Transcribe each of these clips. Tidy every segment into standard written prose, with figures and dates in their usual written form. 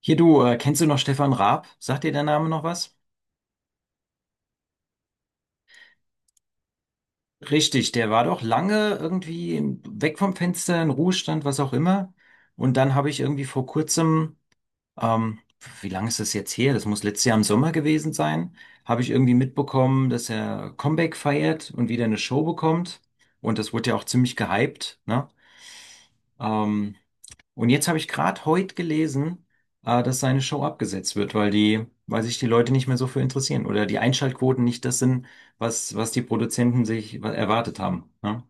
Hier du, kennst du noch Stefan Raab? Sagt dir der Name noch was? Richtig, der war doch lange irgendwie weg vom Fenster, in Ruhestand, was auch immer. Und dann habe ich irgendwie vor kurzem, ähm, wie lange ist das jetzt her? Das muss letztes Jahr im Sommer gewesen sein, habe ich irgendwie mitbekommen, dass er Comeback feiert und wieder eine Show bekommt. Und das wurde ja auch ziemlich gehypt, ne? Ähm, Und jetzt habe ich gerade heute gelesen, dass seine Show abgesetzt wird, weil sich die Leute nicht mehr so für interessieren oder die Einschaltquoten nicht das sind, was die Produzenten sich erwartet haben. Ne?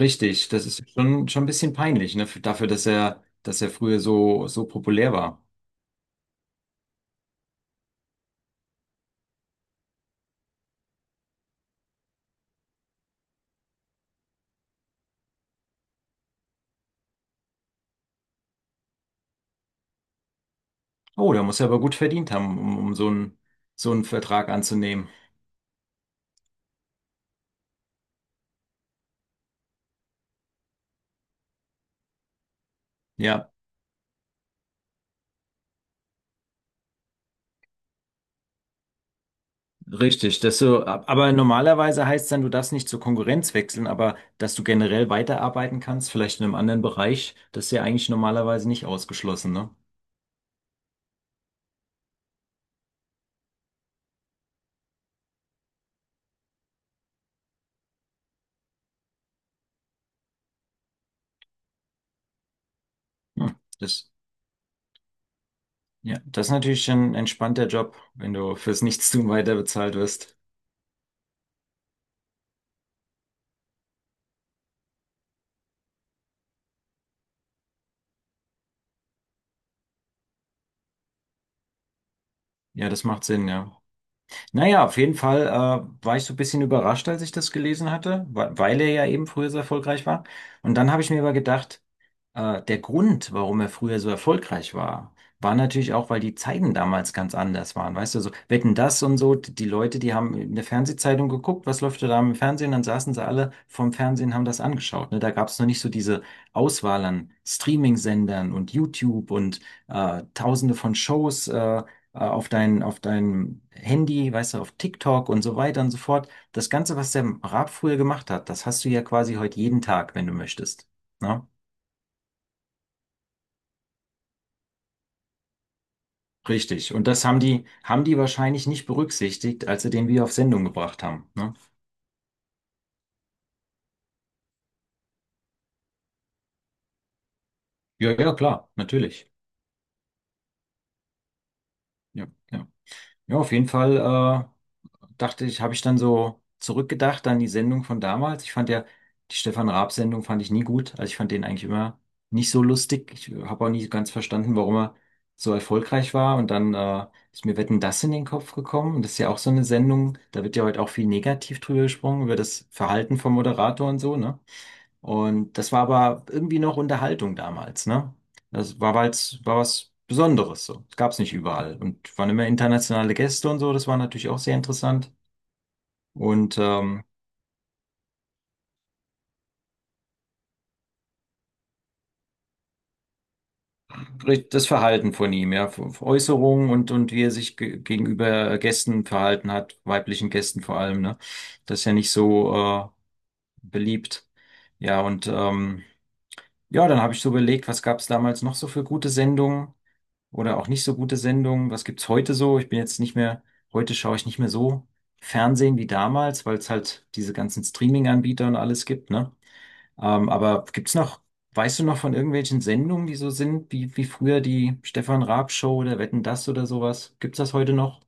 Richtig, das ist schon ein bisschen peinlich, ne? Dafür, dass dass er früher so populär war. Oh, da muss er aber gut verdient haben, um so so einen Vertrag anzunehmen. Ja. Richtig, dass du, aber normalerweise heißt es dann, du darfst nicht zur Konkurrenz wechseln, aber dass du generell weiterarbeiten kannst, vielleicht in einem anderen Bereich, das ist ja eigentlich normalerweise nicht ausgeschlossen, ne? Das, ja, das ist natürlich ein entspannter Job, wenn du fürs Nichtstun weiter bezahlt wirst. Ja, das macht Sinn, ja. Naja, auf jeden Fall, war ich so ein bisschen überrascht, als ich das gelesen hatte, weil er ja eben früher so erfolgreich war. Und dann habe ich mir aber gedacht, der Grund, warum er früher so erfolgreich war, war natürlich auch, weil die Zeiten damals ganz anders waren. Weißt du, so Wetten, das und so, die Leute, die haben in der Fernsehzeitung geguckt, was läuft da im Fernsehen, dann saßen sie alle vorm Fernsehen, haben das angeschaut. Ne? Da gab es noch nicht so diese Auswahl an Streaming-Sendern und YouTube und tausende von Shows auf auf deinem Handy, weißt du, auf TikTok und so weiter und so fort. Das Ganze, was der Raab früher gemacht hat, das hast du ja quasi heute jeden Tag, wenn du möchtest. Ne? Richtig. Und das haben haben die wahrscheinlich nicht berücksichtigt, als sie den wieder auf Sendung gebracht haben. Ne? Ja, ja, klar, natürlich. Ja, ja. Ja, auf jeden Fall dachte ich, habe ich dann so zurückgedacht an die Sendung von damals. Ich fand ja, die Stefan Raab-Sendung fand ich nie gut. Also ich fand den eigentlich immer nicht so lustig. Ich habe auch nie so ganz verstanden, warum er so erfolgreich war. Und dann ist mir Wetten, das in den Kopf gekommen. Und das ist ja auch so eine Sendung, da wird ja heute auch viel negativ drüber gesprungen über das Verhalten vom Moderator und so, ne? Und das war aber irgendwie noch Unterhaltung damals, ne? Das war, weil's, war was Besonderes so. Das gab es nicht überall. Und waren immer internationale Gäste und so, das war natürlich auch sehr interessant. Und ähm, das Verhalten von ihm, ja, Äußerungen und wie er sich ge gegenüber Gästen verhalten hat, weiblichen Gästen vor allem, ne? Das ist ja nicht so beliebt. Ja, und ja, dann habe ich so überlegt, was gab es damals noch so für gute Sendungen? Oder auch nicht so gute Sendungen. Was gibt's heute so? Ich bin jetzt nicht mehr, heute schaue ich nicht mehr so Fernsehen wie damals, weil es halt diese ganzen Streaming-Anbieter und alles gibt, ne? Ähm, aber gibt's noch, weißt du noch von irgendwelchen Sendungen, die so sind, wie früher die Stefan Raab Show oder Wetten das oder sowas? Gibt's das heute noch?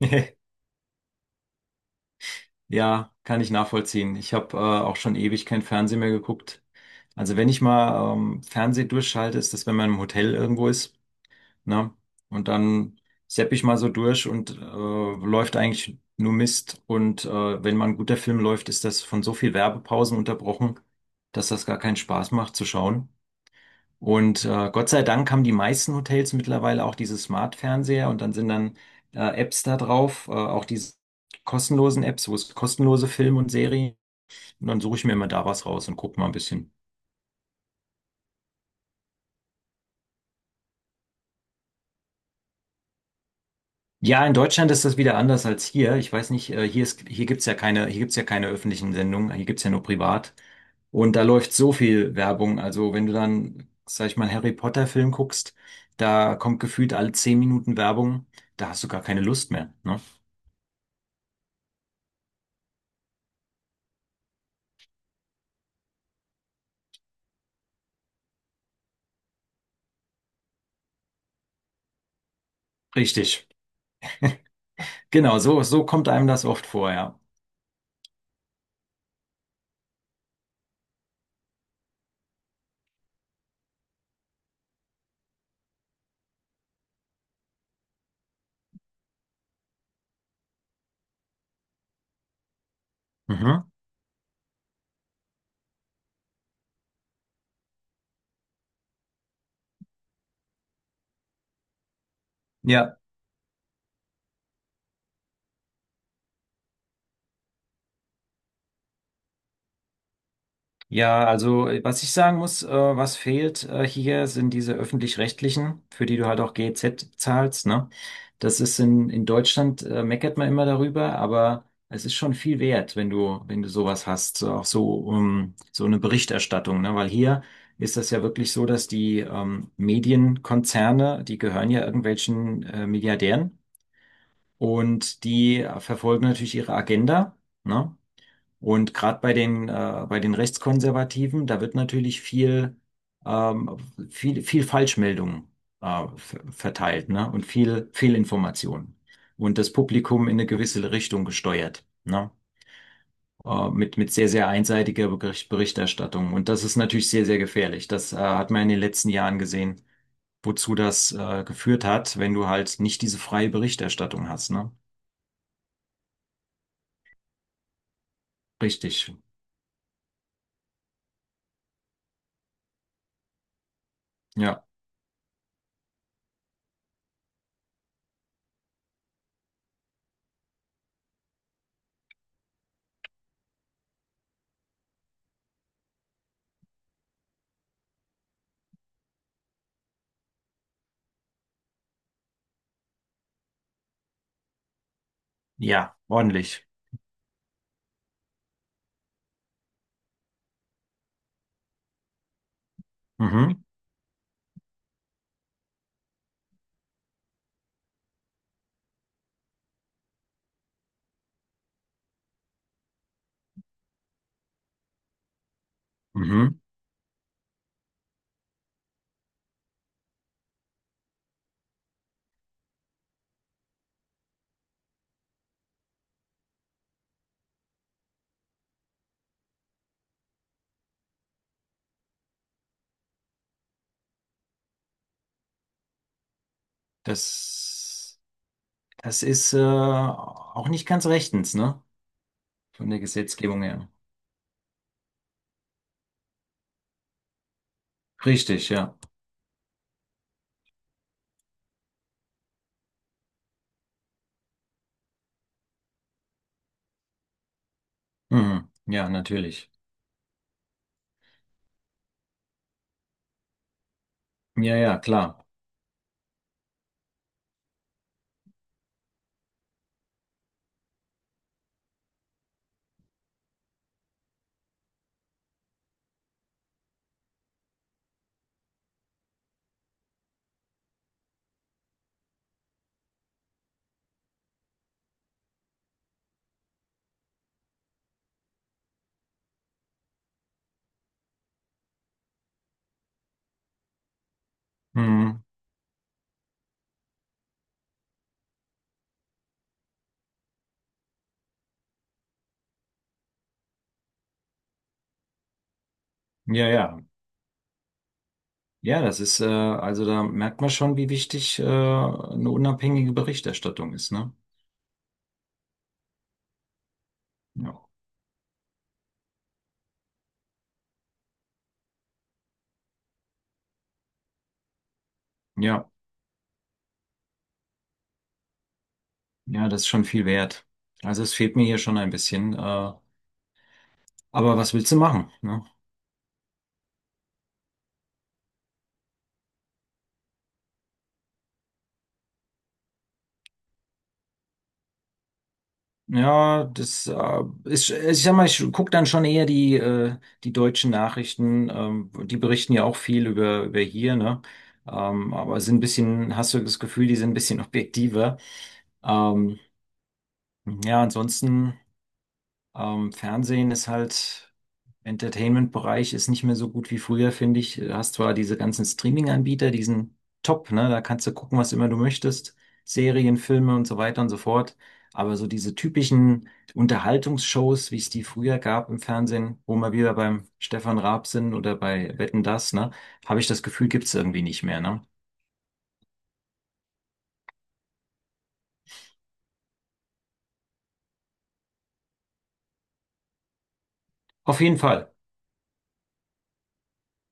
Ja, kann ich nachvollziehen. Ich habe auch schon ewig kein Fernsehen mehr geguckt. Also wenn ich mal Fernsehen durchschalte, ist das, wenn man im Hotel irgendwo ist. Ne? Und dann sepp ich mal so durch und läuft eigentlich nur Mist. Und wenn mal ein guter Film läuft, ist das von so viel Werbepausen unterbrochen, dass das gar keinen Spaß macht zu schauen. Und Gott sei Dank haben die meisten Hotels mittlerweile auch diese Smart-Fernseher und dann sind dann Apps da drauf, auch diese kostenlosen Apps, wo es kostenlose Filme und Serien. Und dann suche ich mir immer da was raus und gucke mal ein bisschen. Ja, in Deutschland ist das wieder anders als hier. Ich weiß nicht, hier gibt's ja keine, hier gibt's ja keine öffentlichen Sendungen, hier gibt's ja nur privat. Und da läuft so viel Werbung. Also wenn du dann, sag ich mal, Harry Potter Film guckst, da kommt gefühlt alle 10 Minuten Werbung, da hast du gar keine Lust mehr, ne? Richtig. Genau, so kommt einem das oft vor, ja. Mhm. Ja. Ja, also was ich sagen muss, was fehlt hier, sind diese öffentlich-rechtlichen, für die du halt auch GEZ zahlst, ne? Das ist in Deutschland, meckert man immer darüber, aber es ist schon viel wert, wenn wenn du sowas hast, so auch so, so eine Berichterstattung, ne? Weil hier ist das ja wirklich so, dass die Medienkonzerne, die gehören ja irgendwelchen Milliardären und die verfolgen natürlich ihre Agenda, ne? Und gerade bei bei den Rechtskonservativen, da wird natürlich ähm, viel Falschmeldung, äh, verteilt, ne? Und viel Fehlinformation. Und das Publikum in eine gewisse Richtung gesteuert, ne? Mit sehr, sehr einseitiger Berichterstattung. Und das ist natürlich sehr, sehr gefährlich. Hat man in den letzten Jahren gesehen, geführt hat, wenn du halt nicht diese freie Berichterstattung hast, ne? Richtig. Ja. Ja, ordentlich. Mhm. Mhm. Das, das ist auch nicht ganz rechtens, ne? Von der Gesetzgebung her. Richtig, ja. Mhm. Ja, natürlich. Ja, ja, klar. Mhm. Ja, ja. Ja, das ist, also da merkt man schon, wie wichtig eine unabhängige Berichterstattung ist, ne? Ja. Ja, ja, das ist schon viel wert. Also es fehlt mir hier schon ein bisschen. Aber was willst du machen, ne? Ja, das ich sag mal, ich gucke dann schon eher die deutschen Nachrichten. Die berichten ja auch viel über hier, ne? Hast du das Gefühl, die sind ein bisschen objektiver. Ähm, ja, ansonsten. Fernsehen ist halt, Entertainment-Bereich ist nicht mehr so gut wie früher, finde ich. Du hast zwar diese ganzen Streaming-Anbieter, die sind top, ne? Da kannst du gucken, was immer du möchtest. Serien, Filme und so weiter und so fort. Aber so diese typischen Unterhaltungsshows, wie es die früher gab im Fernsehen, wo wir wieder beim Stefan Raab sind oder bei Wetten, dass, ne? Habe ich das Gefühl, gibt's irgendwie nicht mehr, ne? Auf jeden Fall.